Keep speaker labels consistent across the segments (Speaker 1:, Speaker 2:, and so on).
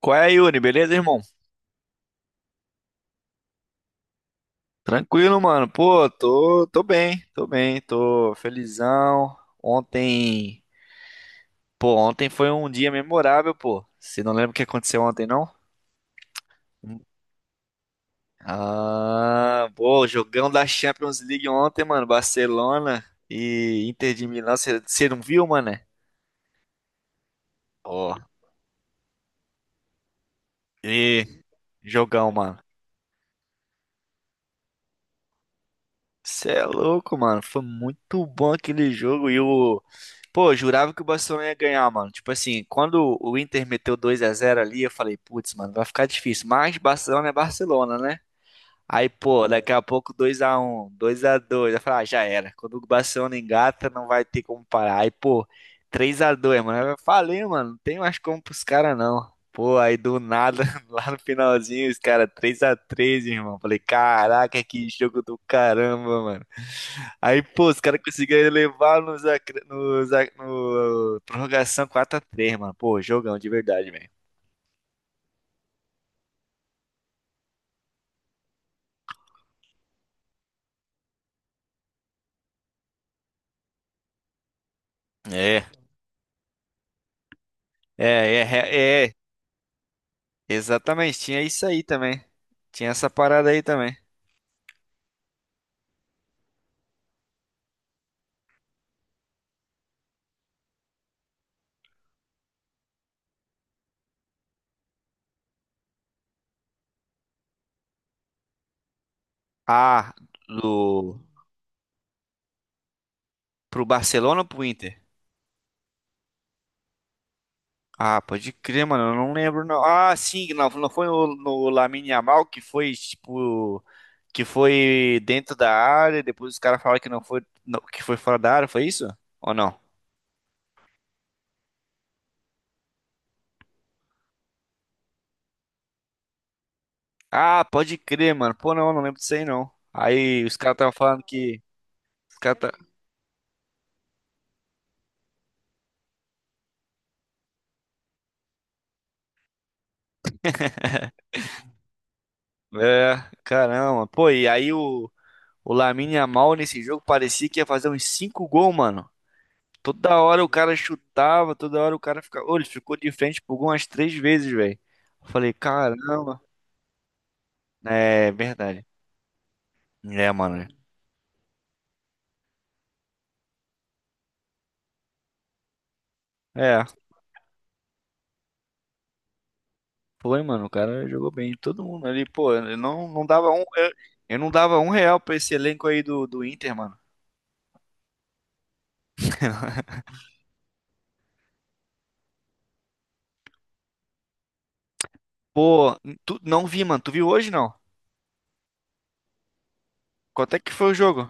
Speaker 1: Qual é, Yuri? Beleza, irmão? Tranquilo, mano. Pô, tô bem, tô bem, tô felizão. Ontem, pô, ontem foi um dia memorável, pô. Você não lembra o que aconteceu ontem, não? Ah, pô, jogão da Champions League ontem, mano. Barcelona e Inter de Milão. Você não viu, mano? Ó, e jogão, mano. Você é louco, mano. Foi muito bom aquele jogo e o pô, eu jurava que o Barcelona ia ganhar, mano. Tipo assim, quando o Inter meteu dois a zero ali, eu falei, putz, mano, vai ficar difícil. Mas Barcelona é Barcelona, né? Aí, pô, daqui a pouco dois a um, dois a dois, eu falei, ah, já era. Quando o Barcelona engata, não vai ter como parar. Aí, pô, três a dois, mano. Eu falei, mano, não tem mais como pros caras, não. Pô, aí do nada, lá no finalzinho, os caras três a três, irmão. Falei, caraca, que jogo do caramba, mano. Aí, pô, os caras conseguiram levar nos, acre- nos, ac- no prorrogação quatro a três, mano. Pô, jogão de verdade, velho. É, é, é, é, é, exatamente. Tinha isso aí também. Tinha essa parada aí também. Ah, do, pro Barcelona ou pro Inter? Ah, pode crer, mano. Eu não lembro, não. Ah, sim, não, não foi no Lamine Yamal que foi, tipo, que foi dentro da área. Depois os caras falaram que não foi, não, que foi fora da área. Foi isso? Ou não? Ah, pode crer, mano. Pô, não, não lembro disso aí, não. Aí os caras estavam falando que. Os caras tá... É, caramba. Pô, e aí o Lamine Yamal nesse jogo parecia que ia fazer uns 5 gols, mano. Toda hora o cara chutava, toda hora o cara ficava. Ô, ele ficou de frente por gol umas três vezes, velho. Eu falei, caramba. É, verdade. É, mano. É, foi, mano. O cara jogou bem. Todo mundo ali, pô, eu não, não dava um. Eu não dava um real pra esse elenco aí do Inter, mano. Pô, tu não vi, mano. Tu viu hoje, não? Quanto é que foi o jogo?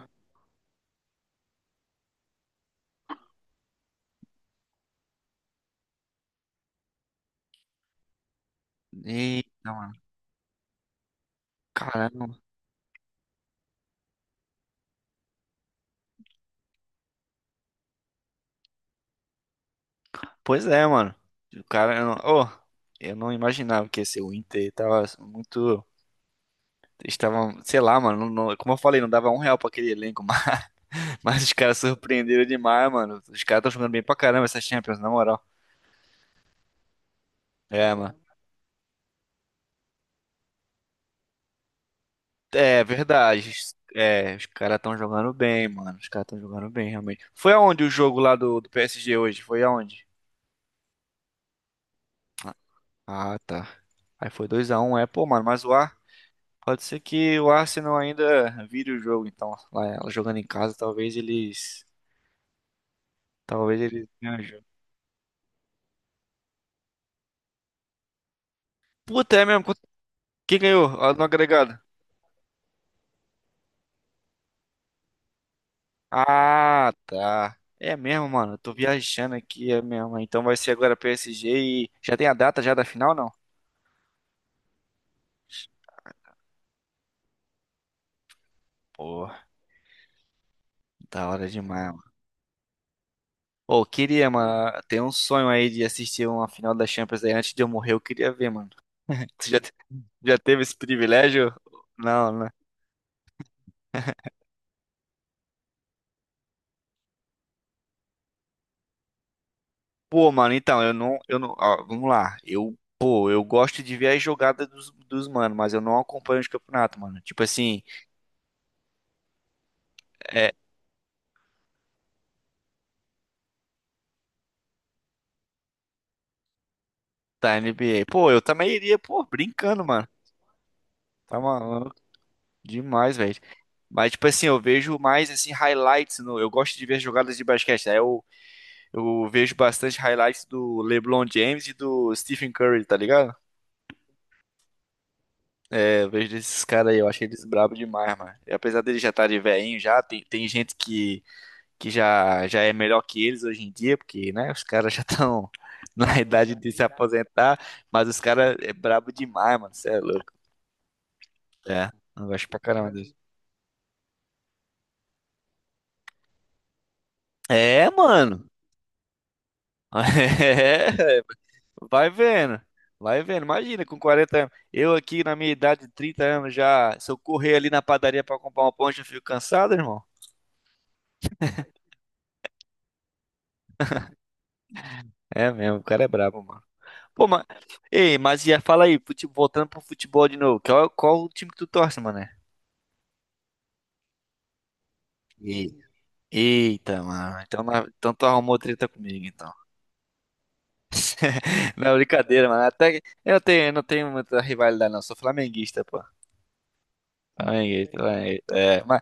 Speaker 1: Eita, mano. Caramba. Pois é, mano. O cara, eu não, oh, eu não imaginava que ia ser o Inter. Tava muito. Estava, sei lá, mano. Como eu falei, não dava um real pra aquele elenco, mas os caras surpreenderam demais, mano. Os caras estão jogando bem pra caramba essa Champions, na moral. É, mano. É verdade. É, os caras estão jogando bem, mano. Os caras estão jogando bem, realmente. Foi aonde o jogo lá do PSG hoje? Foi aonde? Ah, tá. Aí foi dois a um, é. Pô, mano, mas o Ar. Pode ser que o Arsenal ainda vire o jogo, então. Lá, jogando em casa, talvez eles. Talvez eles ganhem o jogo. Puta, é mesmo? Quem ganhou? Ah, no agregado? Ah, tá. É mesmo, mano. Eu tô viajando aqui, é mesmo. Então vai ser agora PSG e. Já tem a data já da final, não? Pô, da hora demais, mano. Pô, queria, mano. Tem um sonho aí de assistir uma final da Champions aí antes de eu morrer. Eu queria ver, mano. Você já, já teve esse privilégio? Não, né? Pô, mano, então, eu não, ó, vamos lá. Eu, pô, eu gosto de ver as jogadas dos mano, mas eu não acompanho os campeonatos, mano. Tipo assim, é, da NBA. Pô, eu também iria, pô, brincando, mano. Tá maluco demais, velho. Mas, tipo assim, eu vejo mais, assim, highlights. No, eu gosto de ver jogadas de basquete, né? Eu vejo bastante highlights do LeBron James e do Stephen Curry, tá ligado? É, eu vejo desses caras aí, eu acho eles brabo demais, mano. E apesar deles já estarem velhinhos já, tem gente que já, já é melhor que eles hoje em dia, porque, né, os caras já estão na idade de se aposentar, mas os caras é brabo demais, mano, você é louco. É, eu gosto pra caramba deles. É, mano. É, vai vendo. Vai vendo. Imagina, com 40 anos. Eu aqui na minha idade de 30 anos já, se eu correr ali na padaria pra comprar uma ponte, eu fico cansado, irmão. É mesmo, o cara é brabo, mano. Pô, mas. Ei, mas ia, fala aí, voltando pro futebol de novo. Qual, qual o time que tu torce, mané? E eita, mano. Então, então tu arrumou treta comigo, então. Não, brincadeira, mano. Até que eu tenho, eu não tenho muita rivalidade, não. Sou flamenguista, pô. Flamenguista, flamenguista. É, mas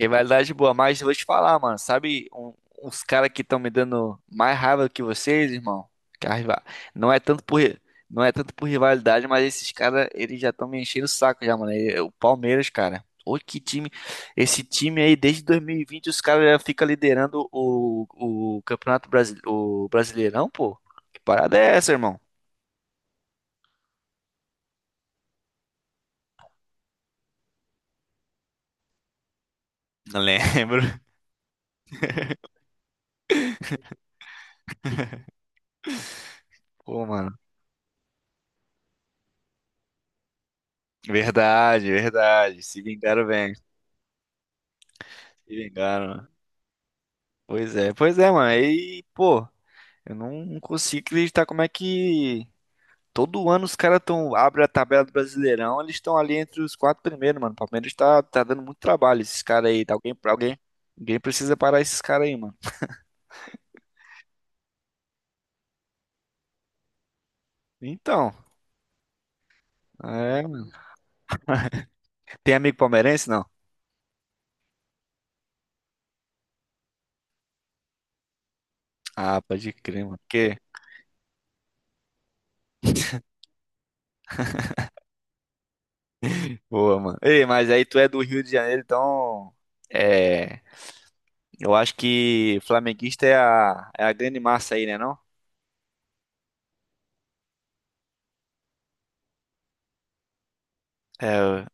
Speaker 1: rivalidade boa, mas eu vou te falar, mano. Sabe uns caras que estão me dando mais raiva do que vocês, irmão? Que a riva- Não é tanto por, não é tanto por rivalidade, mas esses caras, eles já estão me enchendo o saco já, mano. E- O Palmeiras, cara. Ô, que time. Esse time aí, desde 2020, os caras já ficam liderando o Campeonato Brasi... o Brasileirão, pô. Que parada é essa, irmão? Não lembro. Pô, mano. Verdade, verdade. Se vingaram, bem. Se vingaram. Pois é, mano. E, pô, eu não consigo acreditar como é que todo ano os caras tão abrem a tabela do Brasileirão, eles estão ali entre os quatro primeiros, mano. O Palmeiras tá dando muito trabalho, esses caras aí. Ninguém precisa parar esses caras aí, mano. Então, é, mano. Tem amigo palmeirense, não? Ah, pode crer, mano. Que boa, mano. Ei, mas aí tu é do Rio de Janeiro, então, é, eu acho que flamenguista é é a grande massa aí, né, não? É,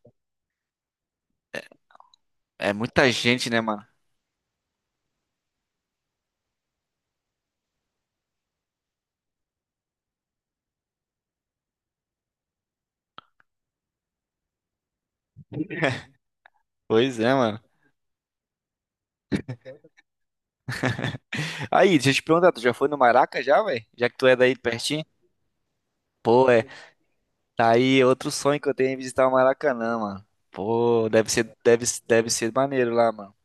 Speaker 1: é muita gente, né, mano? Pois é, mano. Aí, deixa eu te perguntar, tu já foi no Maraca já, velho? Já que tu é daí de pertinho? Pô, é. Tá aí outro sonho que eu tenho é visitar o Maracanã, mano. Pô, deve ser, deve, deve ser maneiro lá, mano.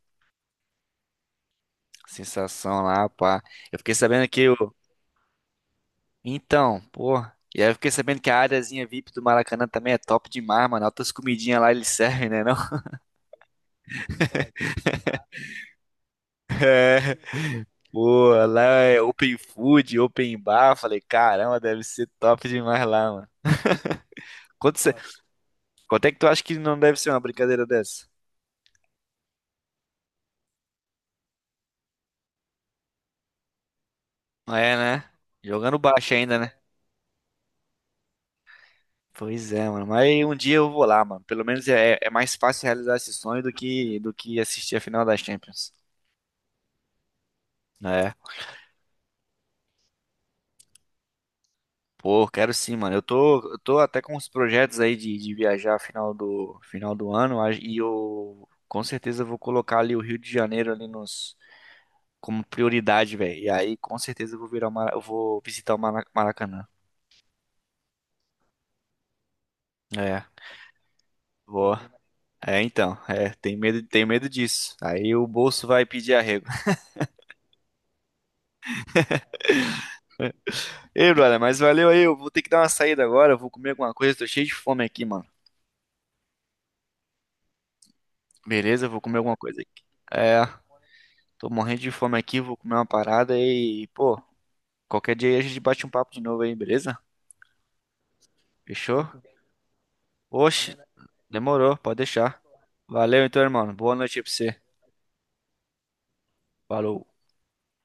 Speaker 1: Sensação lá, pá. Eu fiquei sabendo que o. Então, pô. E aí eu fiquei sabendo que a áreazinha VIP do Maracanã também é top demais, mano. Altas comidinhas lá eles servem, né, não? É. Pô, lá é open food, open bar. Falei, caramba, deve ser top demais lá, mano. Quanto, cê- Quanto é que tu acha que não deve ser uma brincadeira dessa? É, né? Jogando baixo ainda, né? Pois é, mano. Mas um dia eu vou lá, mano. Pelo menos é, é mais fácil realizar esse sonho do que assistir a final das Champions. É. Pô, quero sim, mano. Eu tô até com uns projetos aí de viajar final do ano. E eu com certeza vou colocar ali o Rio de Janeiro ali nos, como prioridade, velho. E aí com certeza eu vou eu vou Maracanã. É. Vou. É, então. É, tem medo disso. Aí o bolso vai pedir arrego. Ei, brother, mas valeu aí. Eu vou ter que dar uma saída agora. Eu vou comer alguma coisa. Tô cheio de fome aqui, mano. Beleza, eu vou comer alguma coisa aqui. É, tô morrendo de fome aqui. Vou comer uma parada e, pô, qualquer dia aí a gente bate um papo de novo aí, beleza? Fechou? Oxe, demorou. Pode deixar. Valeu então, irmão. Boa noite aí pra você. Falou.